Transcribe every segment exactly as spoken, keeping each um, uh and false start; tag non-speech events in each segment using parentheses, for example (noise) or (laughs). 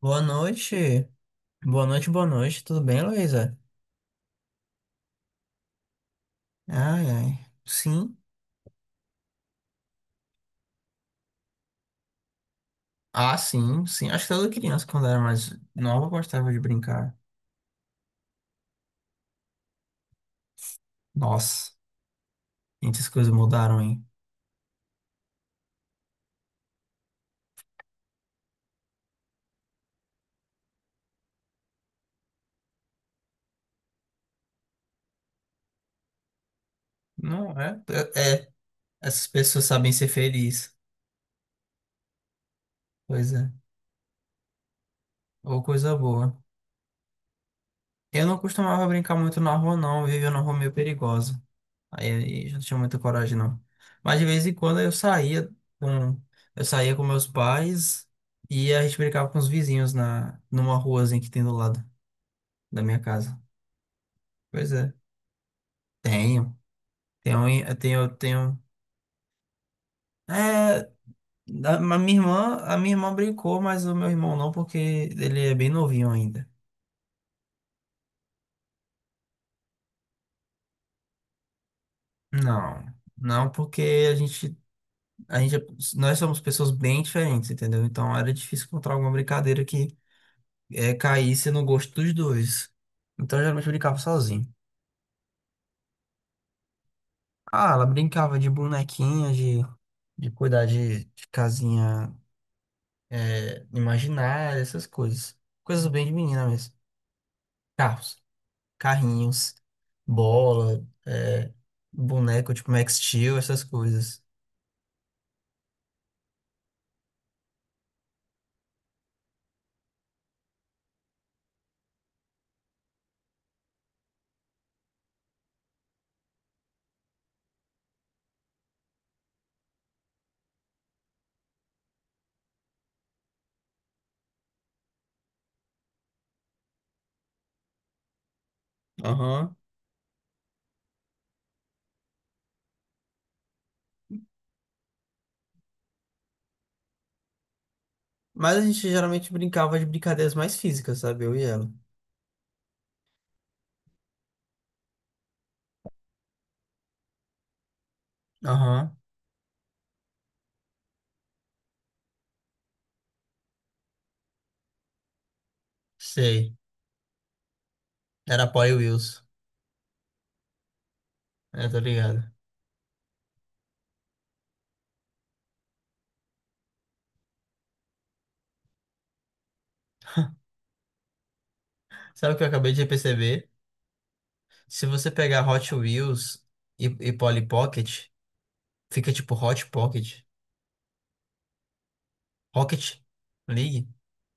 Boa noite. Boa noite, boa noite. Tudo bem, Luísa? Ai, ai. Sim. Ah, sim, sim. Acho que toda criança, quando era mais nova, gostava de brincar. Nossa, muitas coisas mudaram, hein? Não, é? É, é. Essas pessoas sabem ser felizes. Pois é. Ou coisa boa. Eu não costumava brincar muito na rua, não. Eu vivia numa rua meio perigosa. Aí, aí já não tinha muita coragem, não. Mas de vez em quando eu saía com, eu saía com meus pais e a gente brincava com os vizinhos na, numa ruazinha que tem do lado da minha casa. Pois é. Tenho. Tenho, em- eu tenho, eu tenho. É, a, a minha irmã, a minha irmã brincou, mas o meu irmão não, porque ele é bem novinho ainda. Não. Não, porque a gente, a gente, é- nós somos pessoas bem diferentes, entendeu? Então era difícil encontrar alguma brincadeira que é, caísse no gosto dos dois. Então, eu geralmente brincava sozinho. Ah, ela brincava de bonequinha, de, de cuidar de, de casinha é, imaginária, essas coisas. Coisas bem de menina mesmo. Carros, carrinhos, bola, é, boneco tipo Max Steel, essas coisas. Aham. Mas a gente geralmente brincava de brincadeiras mais físicas, sabe? Eu e ela. Aham, sei. Era Poi Wheels. É, tô ligado. Sabe o que eu acabei de perceber? Se você pegar Hot Wheels e, e Polly Pocket, fica tipo Hot Pocket. Rocket League?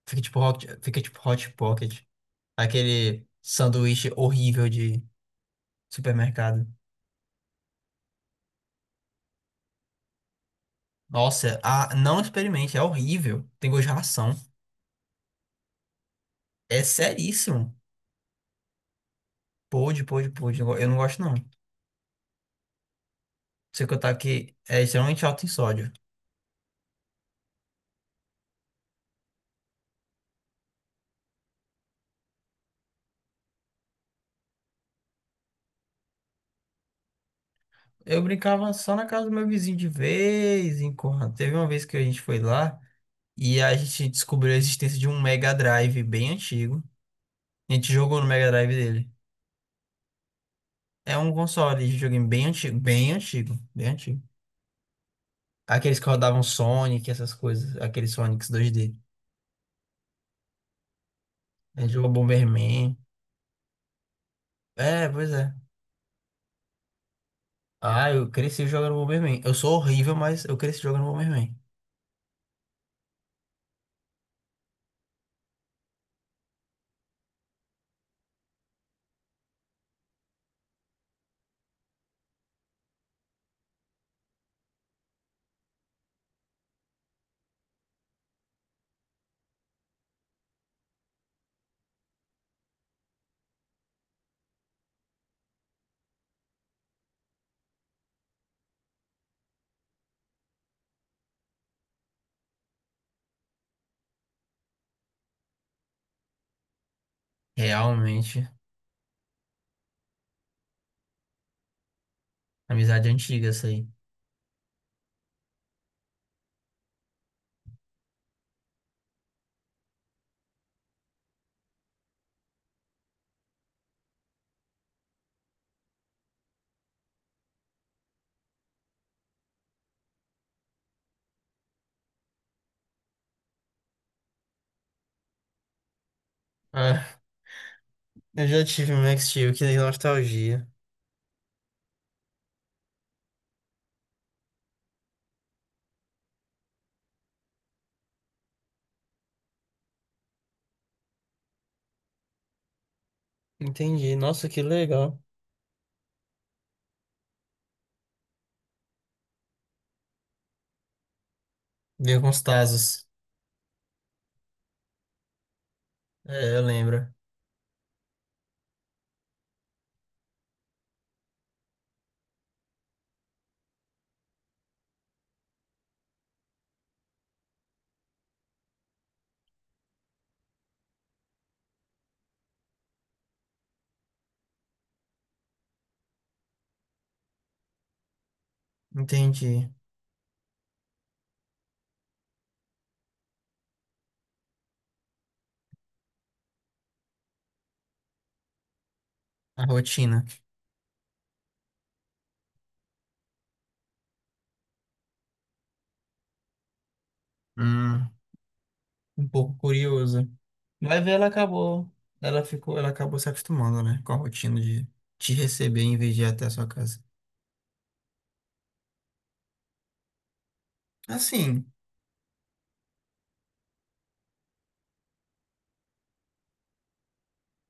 Fica tipo Rocket, fica tipo Hot Pocket. Aquele sanduíche horrível de supermercado. Nossa, ah, não experimente, é horrível. Tem gosto de ração. É seríssimo. Pode, pode, pode. Eu go- eu não gosto, não. Sei que eu tá aqui, é extremamente alto em sódio. Eu brincava só na casa do meu vizinho de vez em quando. Teve uma vez que a gente foi lá. E a gente descobriu a existência de um Mega Drive bem antigo. A gente jogou no Mega Drive dele. É um console de videogame bem antigo, bem antigo, bem antigo. Aqueles que rodavam Sonic, essas coisas, aqueles Sonics dois dê. A gente jogou Bomberman. É, pois é. Ah, eu cresci jogando Bomberman. Eu sou horrível, mas eu cresci jogando Bomberman. Realmente, amizade antiga essa aí. Ah, eu já tive um Max Steel, que nostalgia. Entendi. Nossa, que legal. Ver com os Tazos. É, eu lembro. Entendi. A rotina. Hum, um pouco curioso. Vai ver, ela acabou. Ela ficou, ela acabou se acostumando, né? Com a rotina de te receber em vez de ir até a sua casa. Assim,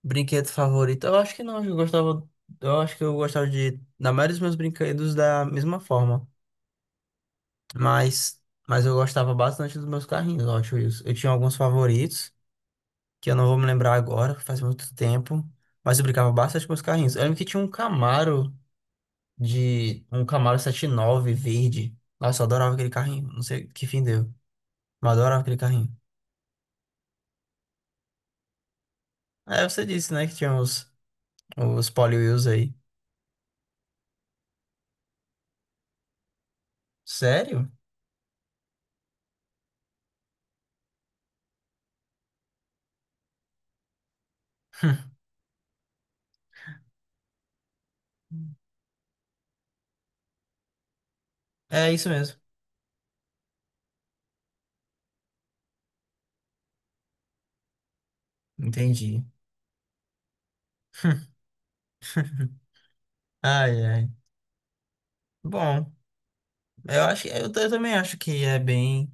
brinquedo favorito? Eu acho que não, eu gostava, eu acho que eu gostava de, na maioria dos meus brinquedos da mesma forma, mas mas eu gostava bastante dos meus carrinhos, eu acho isso. Eu tinha alguns favoritos que eu não vou me lembrar agora, faz muito tempo, mas eu brincava bastante com os carrinhos. Eu lembro que tinha um Camaro de um Camaro setenta e nove verde. Nossa, eu adorava aquele carrinho. Não sei que fim deu, mas eu adorava aquele carrinho. É, você disse, né, que tinha os, os Polywheels aí. Sério? (laughs) É isso mesmo. Entendi. (laughs) Ai, ai. Bom, eu acho que eu, ta- eu também acho que é bem.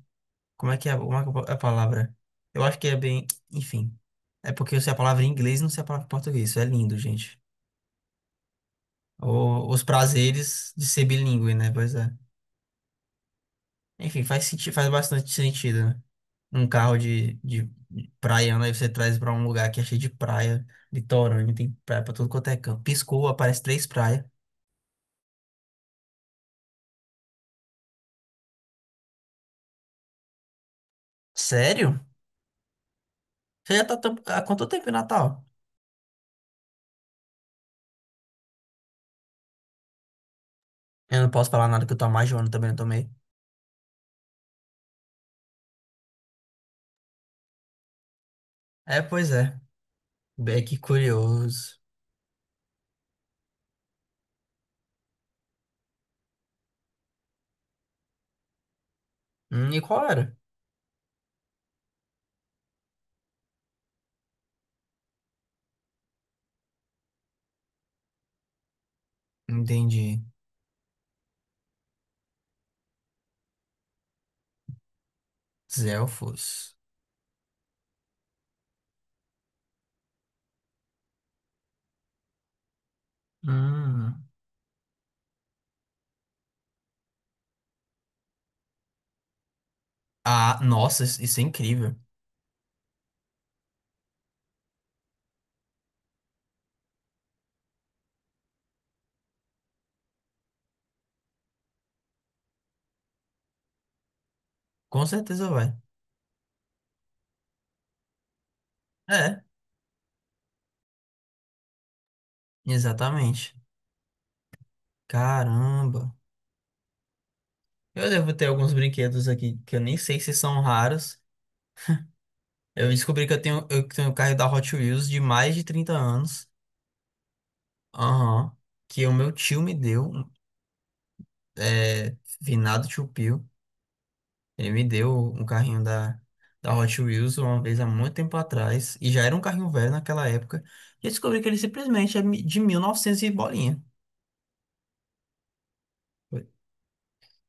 Como é que é, como é que é a palavra? Eu acho que é bem. Enfim. É porque eu sei a palavra em inglês e não sei a palavra em português. Isso é lindo, gente. O- os prazeres de ser bilíngue, né? Pois é. Enfim, faz sentido, faz bastante sentido, né? Um carro de, de de praia, né? Aí você traz pra um lugar que é cheio de praia, litorâneo, tem praia pra tudo quanto é canto. Piscou, aparece três praias. Sério? Você já tá tam- há quanto tempo em Natal? Eu não posso falar nada que eu tô há mais de um ano também, não tomei. É, pois é. Bem que curioso. Hum, e qual era? Entendi. Zelfos. Hum. Ah, nossa, isso isso é incrível. Com certeza vai. É, exatamente. Caramba. Eu devo ter alguns brinquedos aqui que eu nem sei se são raros. Eu descobri que eu tenho, eu tenho o carro da Hot Wheels de mais de trinta anos. Aham. Que o meu tio me deu. É, finado tio Pio. Ele me deu um carrinho da, da Hot Wheels uma vez há muito tempo atrás. E já era um carrinho velho naquela época. E eu descobri que ele simplesmente é mi- de mil e novecentos e bolinha.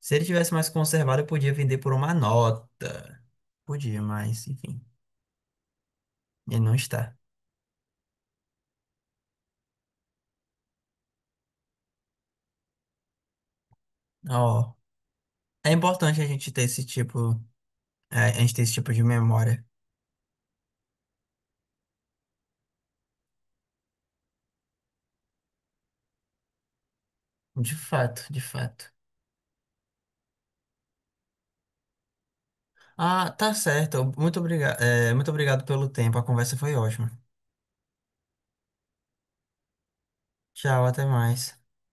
Se ele tivesse mais conservado, eu podia vender por uma nota. Podia, mas enfim. Ele não está. Ó. É importante a gente ter esse tipo, é, a gente ter esse tipo de memória. De fato, de fato. Ah, tá certo. Muito obrigado, muito obrigado pelo tempo. A conversa foi ótima. Tchau, até mais.